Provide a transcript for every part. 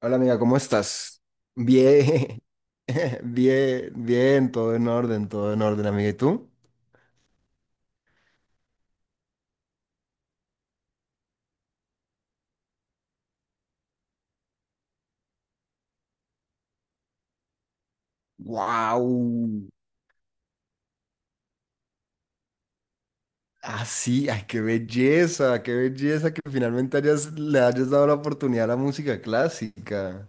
Hola amiga, ¿cómo estás? Bien, bien, bien, todo en orden, amiga. ¿Y tú? ¡Wow! Así, ay, qué belleza que finalmente le hayas dado la oportunidad a la música clásica.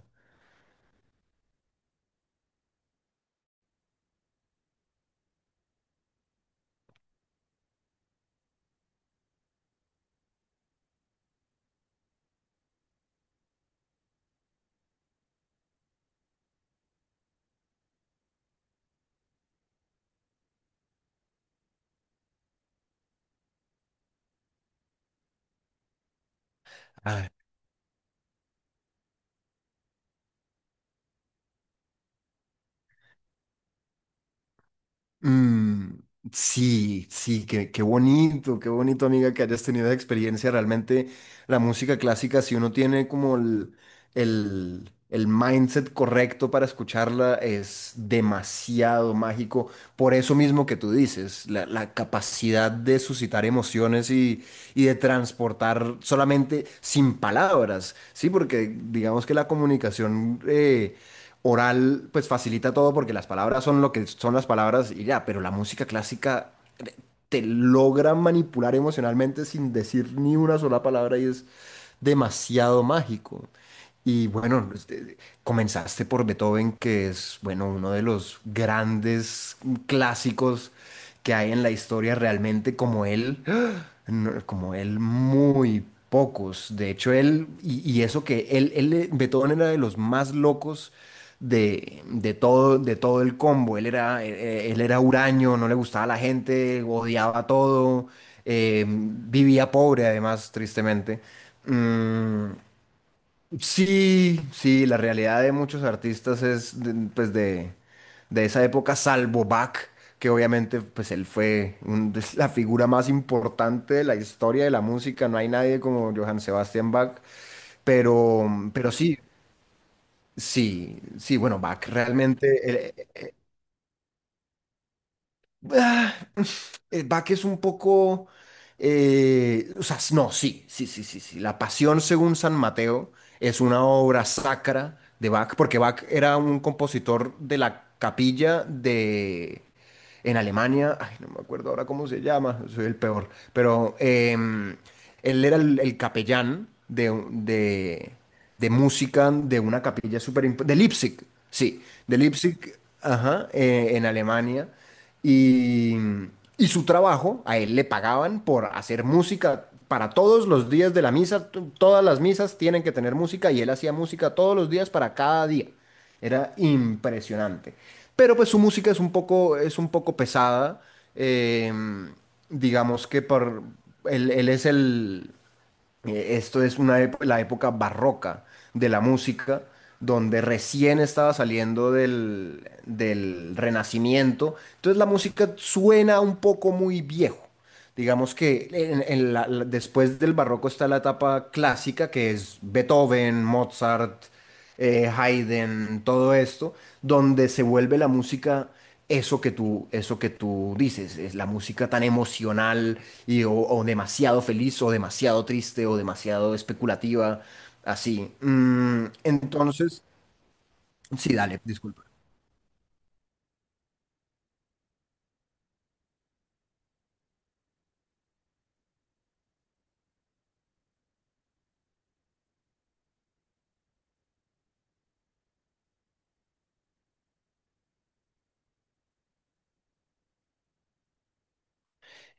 Mm, sí, sí, qué bonito, qué bonito, amiga, que hayas tenido esa experiencia. Realmente la música clásica, si uno tiene como el mindset correcto para escucharla, es demasiado mágico. Por eso mismo que tú dices, la capacidad de suscitar emociones y de transportar solamente sin palabras, ¿sí? Porque digamos que la comunicación oral pues facilita todo porque las palabras son lo que son las palabras y ya, pero la música clásica te logra manipular emocionalmente sin decir ni una sola palabra y es demasiado mágico. Y bueno, comenzaste por Beethoven, que es, bueno, uno de los grandes clásicos que hay en la historia realmente como él no- como él, muy pocos. De hecho, y eso que Beethoven era de los más locos de todo, de todo el combo. Él era huraño, no le gustaba la gente, odiaba todo, vivía pobre además, tristemente. Mm, sí, sí, la realidad de muchos artistas es pues de esa época, salvo Bach, que obviamente pues él fue un- es la figura más importante de la historia de la música, no hay nadie como Johann Sebastian Bach, pero, pero, sí, sí, sí, bueno, Bach realmente, él- Bach es un poco, o sea, no, sí, sí, sí, sí, sí. La Pasión según San Mateo es una obra sacra de Bach, porque Bach era un compositor de la capilla en Alemania, ay, no me acuerdo ahora cómo se llama, soy el peor, pero él era el capellán de música de una capilla súper importante, de Leipzig, sí, de Leipzig, ajá, en Alemania, y, y su trabajo, a él le pagaban por hacer música. Para todos los días de la misa, todas las misas tienen que tener música y él hacía música todos los días para cada día. Era impresionante. Pero pues su música es un poco pesada. eh, digamos que él es el. Esto es la época barroca de la música, donde recién estaba saliendo del Renacimiento. Entonces la música suena un poco muy viejo. Digamos que después del barroco está la etapa clásica, que es Beethoven, Mozart, Haydn, todo esto, donde se vuelve la música eso que tú dices, es la música tan emocional y o demasiado feliz o demasiado triste o demasiado especulativa, así. Entonces, sí, dale, disculpa.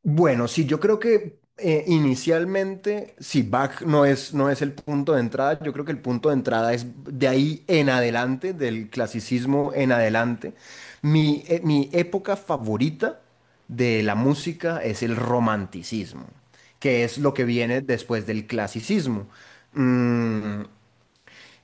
Bueno, sí, yo creo que inicialmente, si Bach no es el punto de entrada, yo creo que el punto de entrada es de ahí en adelante, del clasicismo en adelante. Mi época favorita de la música es el romanticismo, que es lo que viene después del clasicismo. Mm,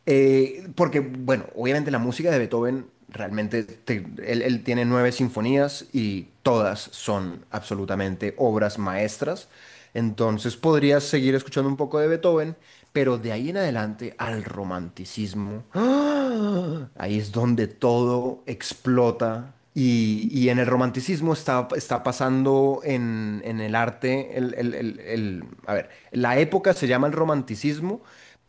Porque, bueno, obviamente la música de Beethoven realmente, él tiene nueve sinfonías y todas son absolutamente obras maestras. Entonces podrías seguir escuchando un poco de Beethoven, pero de ahí en adelante al romanticismo. ¡Ah! Ahí es donde todo explota. Y en el romanticismo está pasando en el arte, a ver, la época se llama el romanticismo,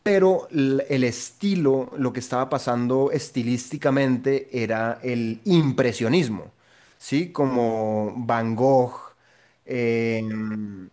pero el estilo, lo que estaba pasando estilísticamente era el impresionismo, ¿sí? Como Van Gogh. em,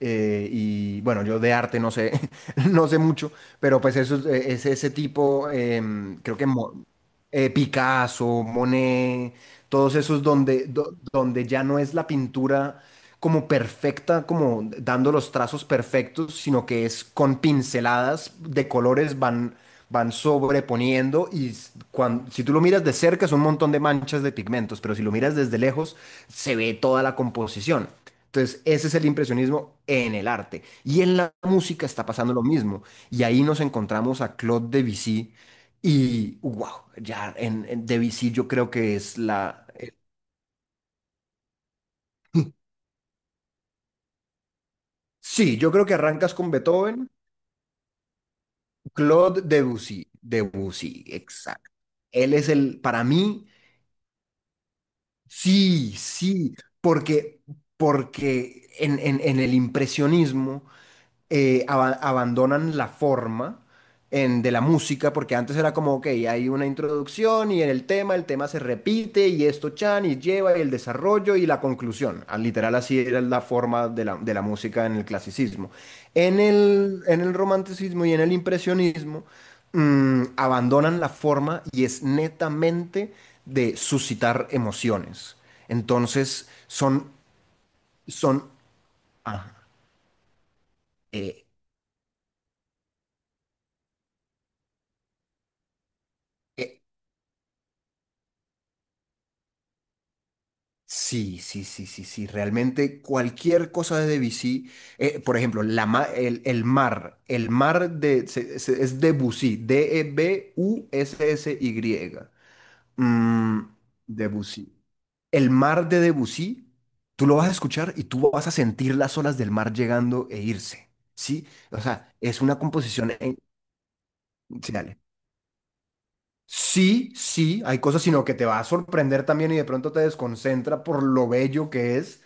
y bueno, yo de arte no sé, no sé mucho, pero pues eso es ese tipo, creo que Picasso, Monet, todos esos donde ya no es la pintura como perfecta, como dando los trazos perfectos, sino que es con pinceladas de colores van, sobreponiendo y si tú lo miras de cerca es un montón de manchas de pigmentos, pero si lo miras desde lejos se ve toda la composición. Entonces, ese es el impresionismo en el arte. Y en la música está pasando lo mismo. Y ahí nos encontramos a Claude Debussy. Y, wow, ya en Debussy yo creo que es la. Sí, yo creo que arrancas con Beethoven. Claude Debussy. Debussy, exacto. Él es para mí, sí, sí, porque, porque en el impresionismo. Abandonan la forma de la música, porque antes era como, ok, hay una introducción y en el tema se repite y esto chan y lleva y el desarrollo y la conclusión. Ah, literal así era la forma de la música en el clasicismo. En el romanticismo y en el impresionismo, mm, abandonan la forma y es netamente de suscitar emociones. Entonces, son, ah, eh, e- sí, sí, sí, sí, sí. Realmente cualquier cosa de Debussy, por ejemplo, el mar, el mar de, se- se- es Debussy, Debussy. Mm, Debussy. El mar de Debussy, tú lo vas a escuchar y tú vas a sentir las olas del mar llegando e irse, ¿sí? O sea, es una composición. Sí, dale. Sí, sí, hay cosas, sino que te va a sorprender también y de pronto te desconcentra por lo bello que es,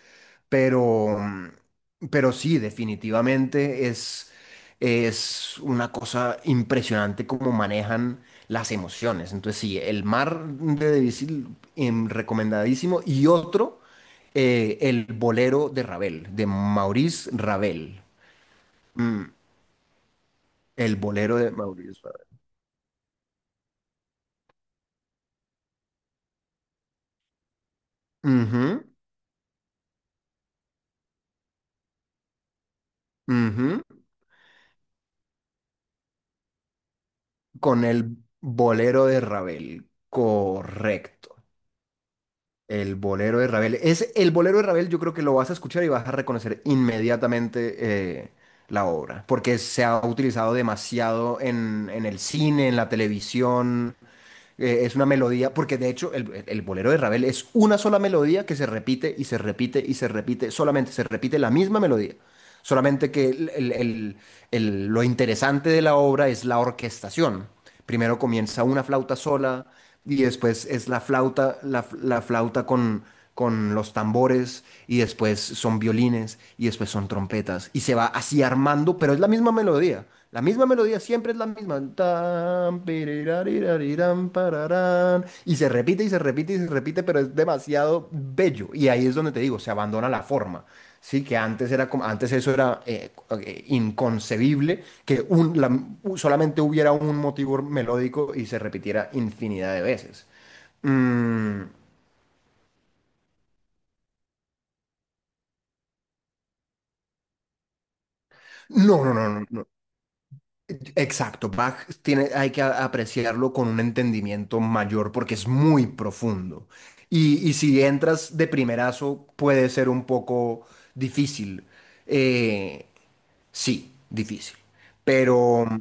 pero sí, definitivamente es una cosa impresionante cómo manejan las emociones. Entonces sí, el mar de Debussy, recomendadísimo, y otro, el bolero de Ravel, de Maurice Ravel. Mm, el bolero de Maurice Ravel. Ujú, ujú. Con el bolero de Ravel, correcto. El bolero de Ravel. Es el bolero de Ravel, yo creo que lo vas a escuchar y vas a reconocer inmediatamente eh, la obra, porque se ha utilizado demasiado en el cine, en la televisión. Es una melodía, porque de hecho el bolero de Ravel es una sola melodía que se repite y se repite y se repite, solamente se repite la misma melodía. Solamente que lo interesante de la obra es la orquestación. Primero comienza una flauta sola y después es la flauta con los tambores y después son violines y después son trompetas y se va así armando, pero es la misma melodía. La misma melodía siempre es la misma. Tan, pirirarirarirán, pararán. Y se repite y se repite y se repite, pero es demasiado bello. Y ahí es donde te digo, se abandona la forma. Sí, que antes era como, antes eso era inconcebible que solamente hubiera un motivo melódico y se repitiera infinidad de veces. Mm, no, no, no, no, no. Exacto, Bach tiene, hay que apreciarlo con un entendimiento mayor porque es muy profundo. Y si entras de primerazo puede ser un poco difícil. Eh, sí, difícil. Pero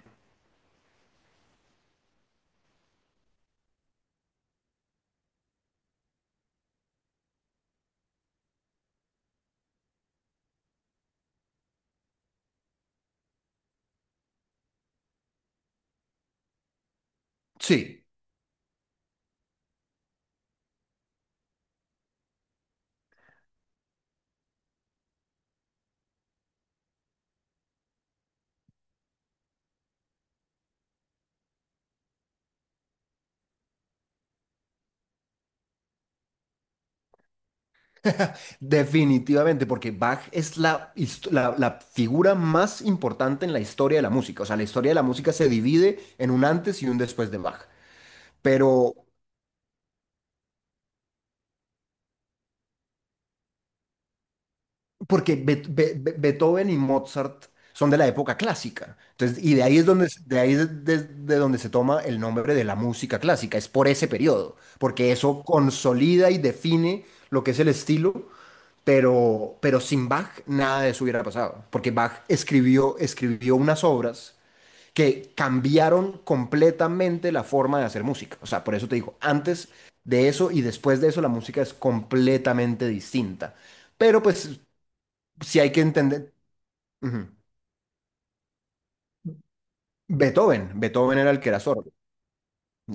sí. Definitivamente, porque Bach es la figura más importante en la historia de la música. O sea, la historia de la música se divide en un antes y un después de Bach. Pero porque Beethoven y Mozart son de la época clásica. Entonces, y de ahí es de ahí es de donde se toma el nombre de la música clásica. Es por ese periodo, porque eso consolida y define lo que es el estilo. Pero sin Bach nada de eso hubiera pasado, porque Bach escribió unas obras que cambiaron completamente la forma de hacer música. O sea, por eso te digo, antes de eso y después de eso la música es completamente distinta. Pero pues sí hay que entender. Ujú. Beethoven era el que era sordo.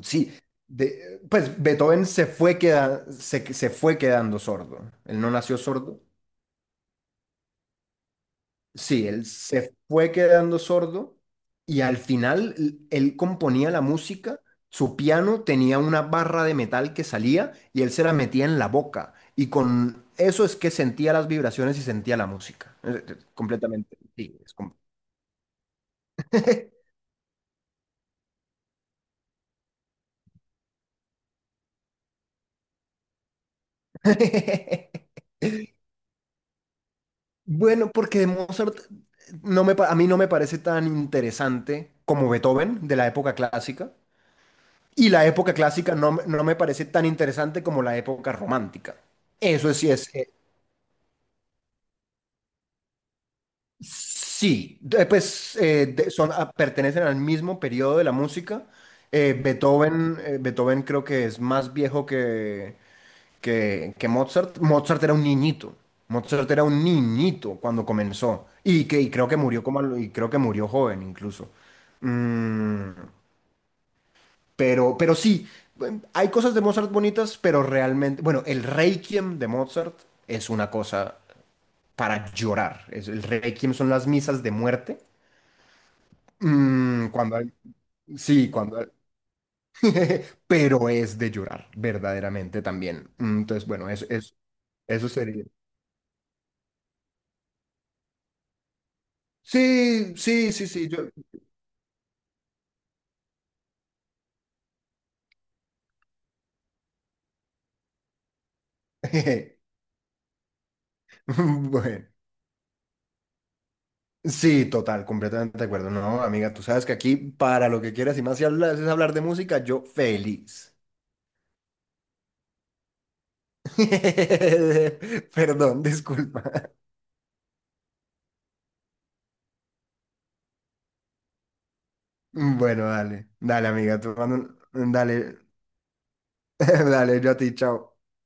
Sí, pues Beethoven se fue quedando sordo. Él no nació sordo, sí, él se fue quedando sordo y al final él componía la música, su piano tenía una barra de metal que salía y él se la metía en la boca y con eso es que sentía las vibraciones y sentía la música. Completamente. Sí, Bueno, porque de Mozart no me, pa- a mí no me parece tan interesante como Beethoven de la época clásica y la época clásica no, no me parece tan interesante como la época romántica. Eso sí es, sí, pertenecen al mismo periodo de la música. Beethoven creo que es más viejo que Mozart. Mozart era un niñito. Mozart era un niñito cuando comenzó. Y creo que murió como, a lo- y creo que murió joven incluso. Mm, pero sí, bueno, hay cosas de Mozart bonitas, pero realmente, bueno, el Requiem de Mozart es una cosa para llorar. El Requiem son las misas de muerte. Mm, cuando hay- sí, pero es de llorar, verdaderamente también. Entonces, bueno, eso, sería. Sí, sí, sí, sí, yo. Bueno, sí, total, completamente de acuerdo. No, amiga, tú sabes que aquí para lo que quieras y más si hablas es hablar de música, yo feliz. Perdón, disculpa. Bueno, dale, dale, amiga, tú mando dale, dale, yo a ti, chao.